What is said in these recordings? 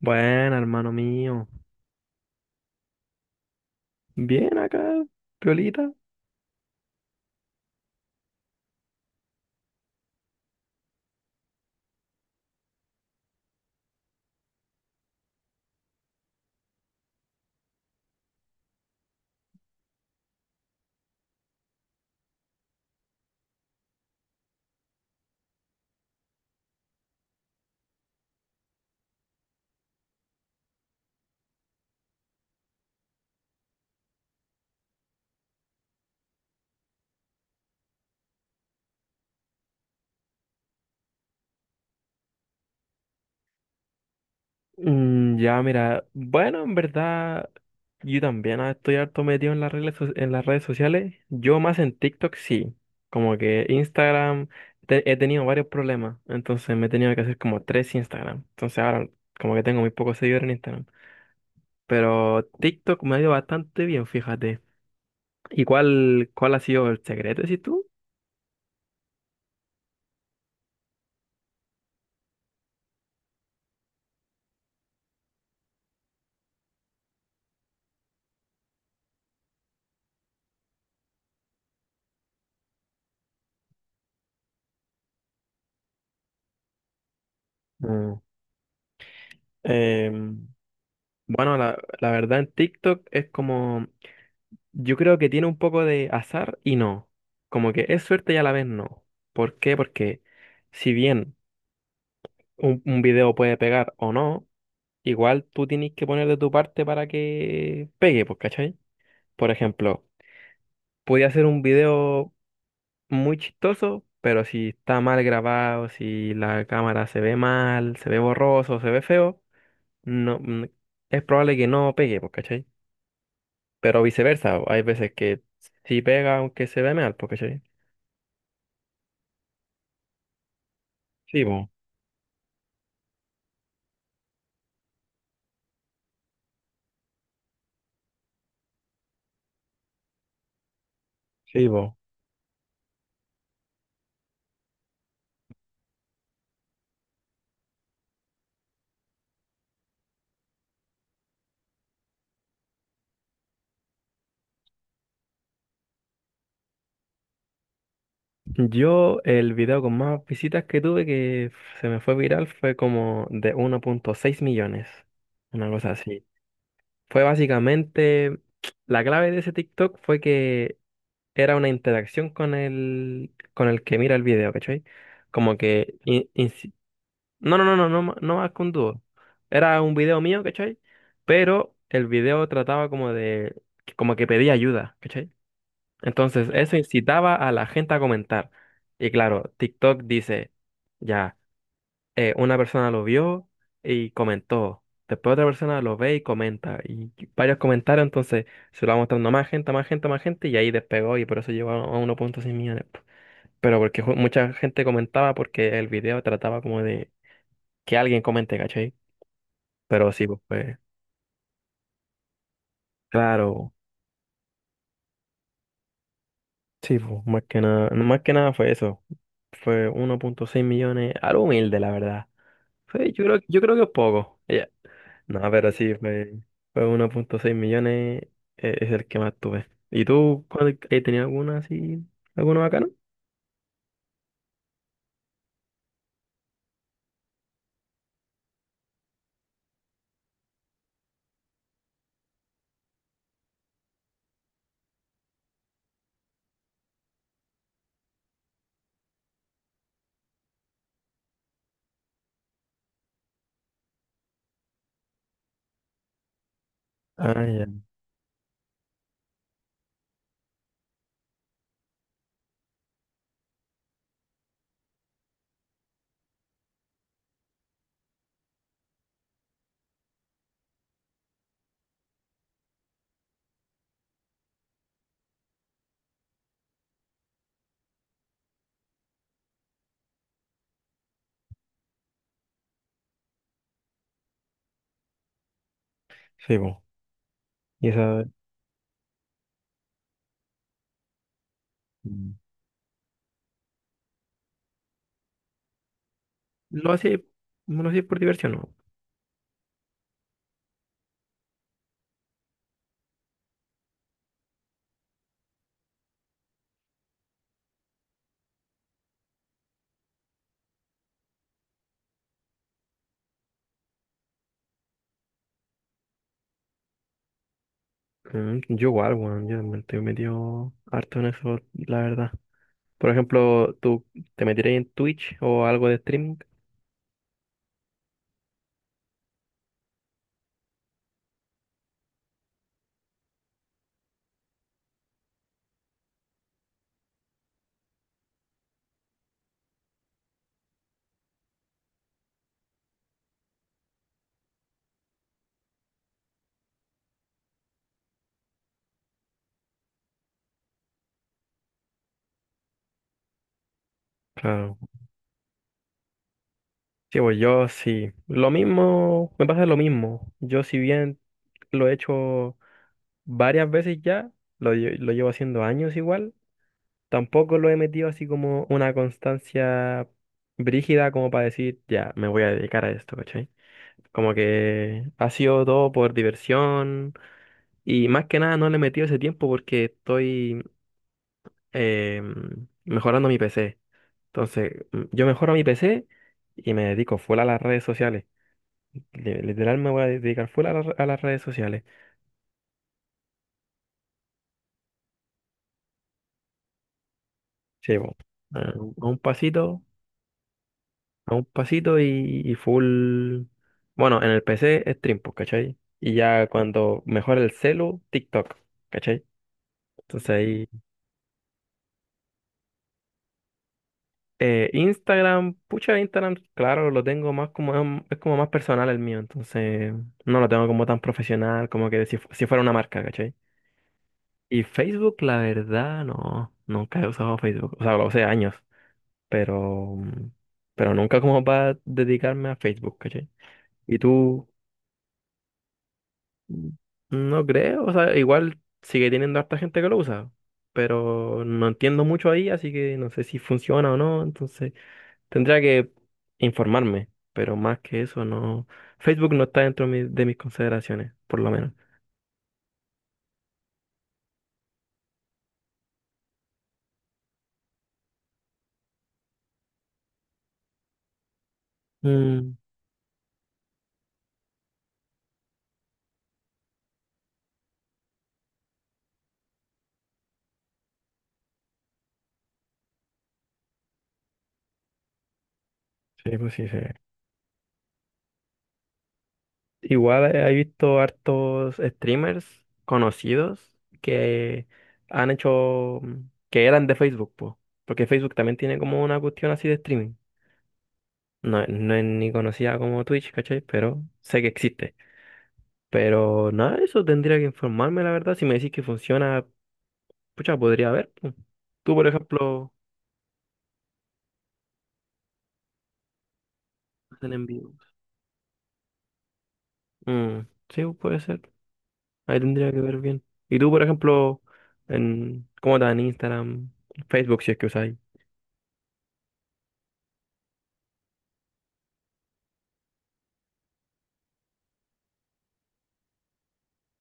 Bueno, hermano mío. Bien acá, Piolita. Ya, mira, bueno, en verdad, yo también estoy harto metido en las redes, en las redes sociales. Yo más en TikTok sí. Como que Instagram, he tenido varios problemas. Entonces me he tenido que hacer como tres Instagram. Entonces ahora como que tengo muy pocos seguidores en Instagram. Pero TikTok me ha ido bastante bien, fíjate. ¿Y cuál ha sido el secreto, decís tú? Mm. Em, bueno, la verdad en TikTok es como... Yo creo que tiene un poco de azar y no. Como que es suerte y a la vez no. ¿Por qué? Porque si bien un video puede pegar o no, igual tú tienes que poner de tu parte para que pegue, pues, ¿cachai? Por ejemplo, podía ser un video muy chistoso, pero si está mal grabado, si la cámara se ve mal, se ve borroso, se ve feo, no, mm, es probable que no pegue, pues, ¿cachai? Pero viceversa, hay veces que sí pega aunque se ve mal, pues, ¿cachai? Sí, pues. Sí, po. Yo el video con más visitas que tuve que se me fue viral fue como de 1,6 millones, una cosa así. Fue básicamente, la clave de ese TikTok fue que era una interacción con el que mira el video, ¿cachai? Como que... no más que un dúo. Era un video mío, ¿cachai? Pero el video trataba como de... como que pedía ayuda, ¿cachai? Entonces, eso incitaba a la gente a comentar. Y claro, TikTok dice, ya, una persona lo vio y comentó. Después otra persona lo ve y comenta. Y varios comentarios, entonces se lo va mostrando a más gente, a más gente, a más gente. Y ahí despegó y por eso llegó a 1,6 millones, po. Pero porque mucha gente comentaba porque el video trataba como de que alguien comente, ¿cachai? Pero sí, pues, claro. Sí, pues, más que nada fue eso. Fue 1,6 millones, algo humilde, la verdad. Yo creo que es poco. Ya. No, pero sí, fue 1,6 millones, es el que más tuve. ¿Y tú cuál, tenías alguna así, alguno bacano? Ah, ya. Sí, po. Y esa... mm, ¿Lo hacía, lo hacía por diversión, no? Mm, yo igual, weón, yo me estoy metido harto en eso, la verdad. Por ejemplo, ¿tú te meterías en Twitch o algo de streaming? Claro. Sí, pues yo sí. Lo mismo, me pasa lo mismo. Yo si bien lo he hecho varias veces ya, lo llevo haciendo años igual. Tampoco lo he metido así como una constancia brígida como para decir, ya, me voy a dedicar a esto, ¿cachai? Como que ha sido todo por diversión y más que nada no le he metido ese tiempo porque estoy mejorando mi PC. Entonces, yo mejoro mi PC y me dedico full a las redes sociales. Literal me voy a dedicar full a, a las redes sociales. Sí, bo, a un pasito. A un pasito y full. Bueno, en el PC stream, pues, ¿cachai? Y ya cuando mejora el celu, TikTok, ¿cachai? Entonces ahí. Eh, Instagram, pucha, Instagram, claro, lo tengo más como... Es como más personal el mío, entonces no lo tengo como tan profesional, como que si, si fuera una marca, ¿cachai? Y Facebook, la verdad, no. Nunca he usado Facebook. O sea, lo usé años, pero... Pero nunca como para dedicarme a Facebook, ¿cachai? ¿Y tú? No creo, o sea, igual sigue teniendo harta gente que lo usa, pero no entiendo mucho ahí, así que no sé si funciona o no, entonces tendría que informarme, pero más que eso no. Facebook no está dentro de mis consideraciones, por lo menos. Mm, sí, pues sí, sí. Igual he visto hartos streamers conocidos que han hecho, mm, que eran de Facebook, po, porque Facebook también tiene como una cuestión así de streaming. No, no es ni conocida como Twitch, ¿cachai? Pero sé que existe. Pero nada, eso tendría que informarme, la verdad. Si me decís que funciona, pucha, podría ver, pu. Tú, por ejemplo, hacen en vivo. Mm, sí, puede ser. Ahí tendría que ver bien. Y tú, por ejemplo, en, ¿cómo estás en Instagram, Facebook, si es que usáis?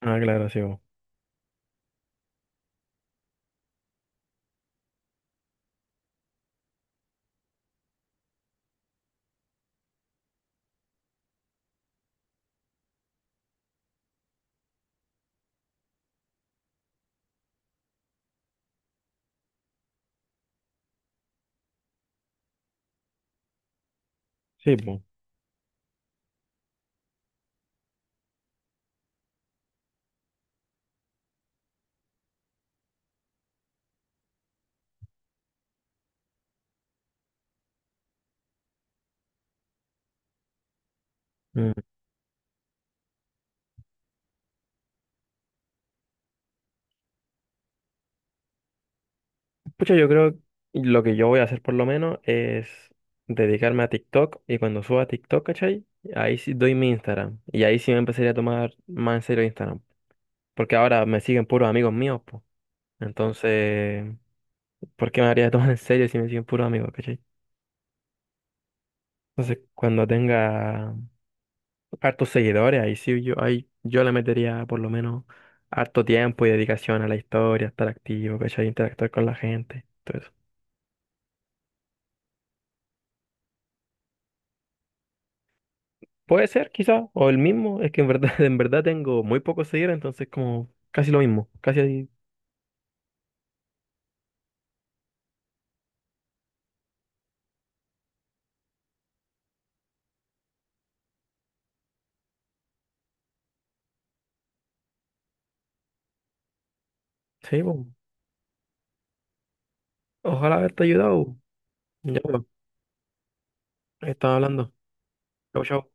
Ah, claro, sí, po. Sí, pues. Pucha, yo creo lo que yo voy a hacer por lo menos es dedicarme a TikTok y cuando suba TikTok, ¿cachai? Ahí sí doy mi Instagram y ahí sí me empezaría a tomar más en serio Instagram, porque ahora me siguen puros amigos míos, pues. Entonces, ¿por qué me haría tomar en serio si me siguen puros amigos, ¿cachai? Entonces, cuando tenga hartos seguidores, ahí sí yo, ahí yo le metería por lo menos harto tiempo y dedicación a la historia, estar activo, ¿cachai? Interactuar con la gente, todo eso. Puede ser, quizá, o el mismo, es que en verdad, en verdad tengo muy pocos seguidores, entonces como casi lo mismo, casi, así. Sí, po. Ojalá haberte ayudado. Ya, pues, estaba hablando. Chau, chau.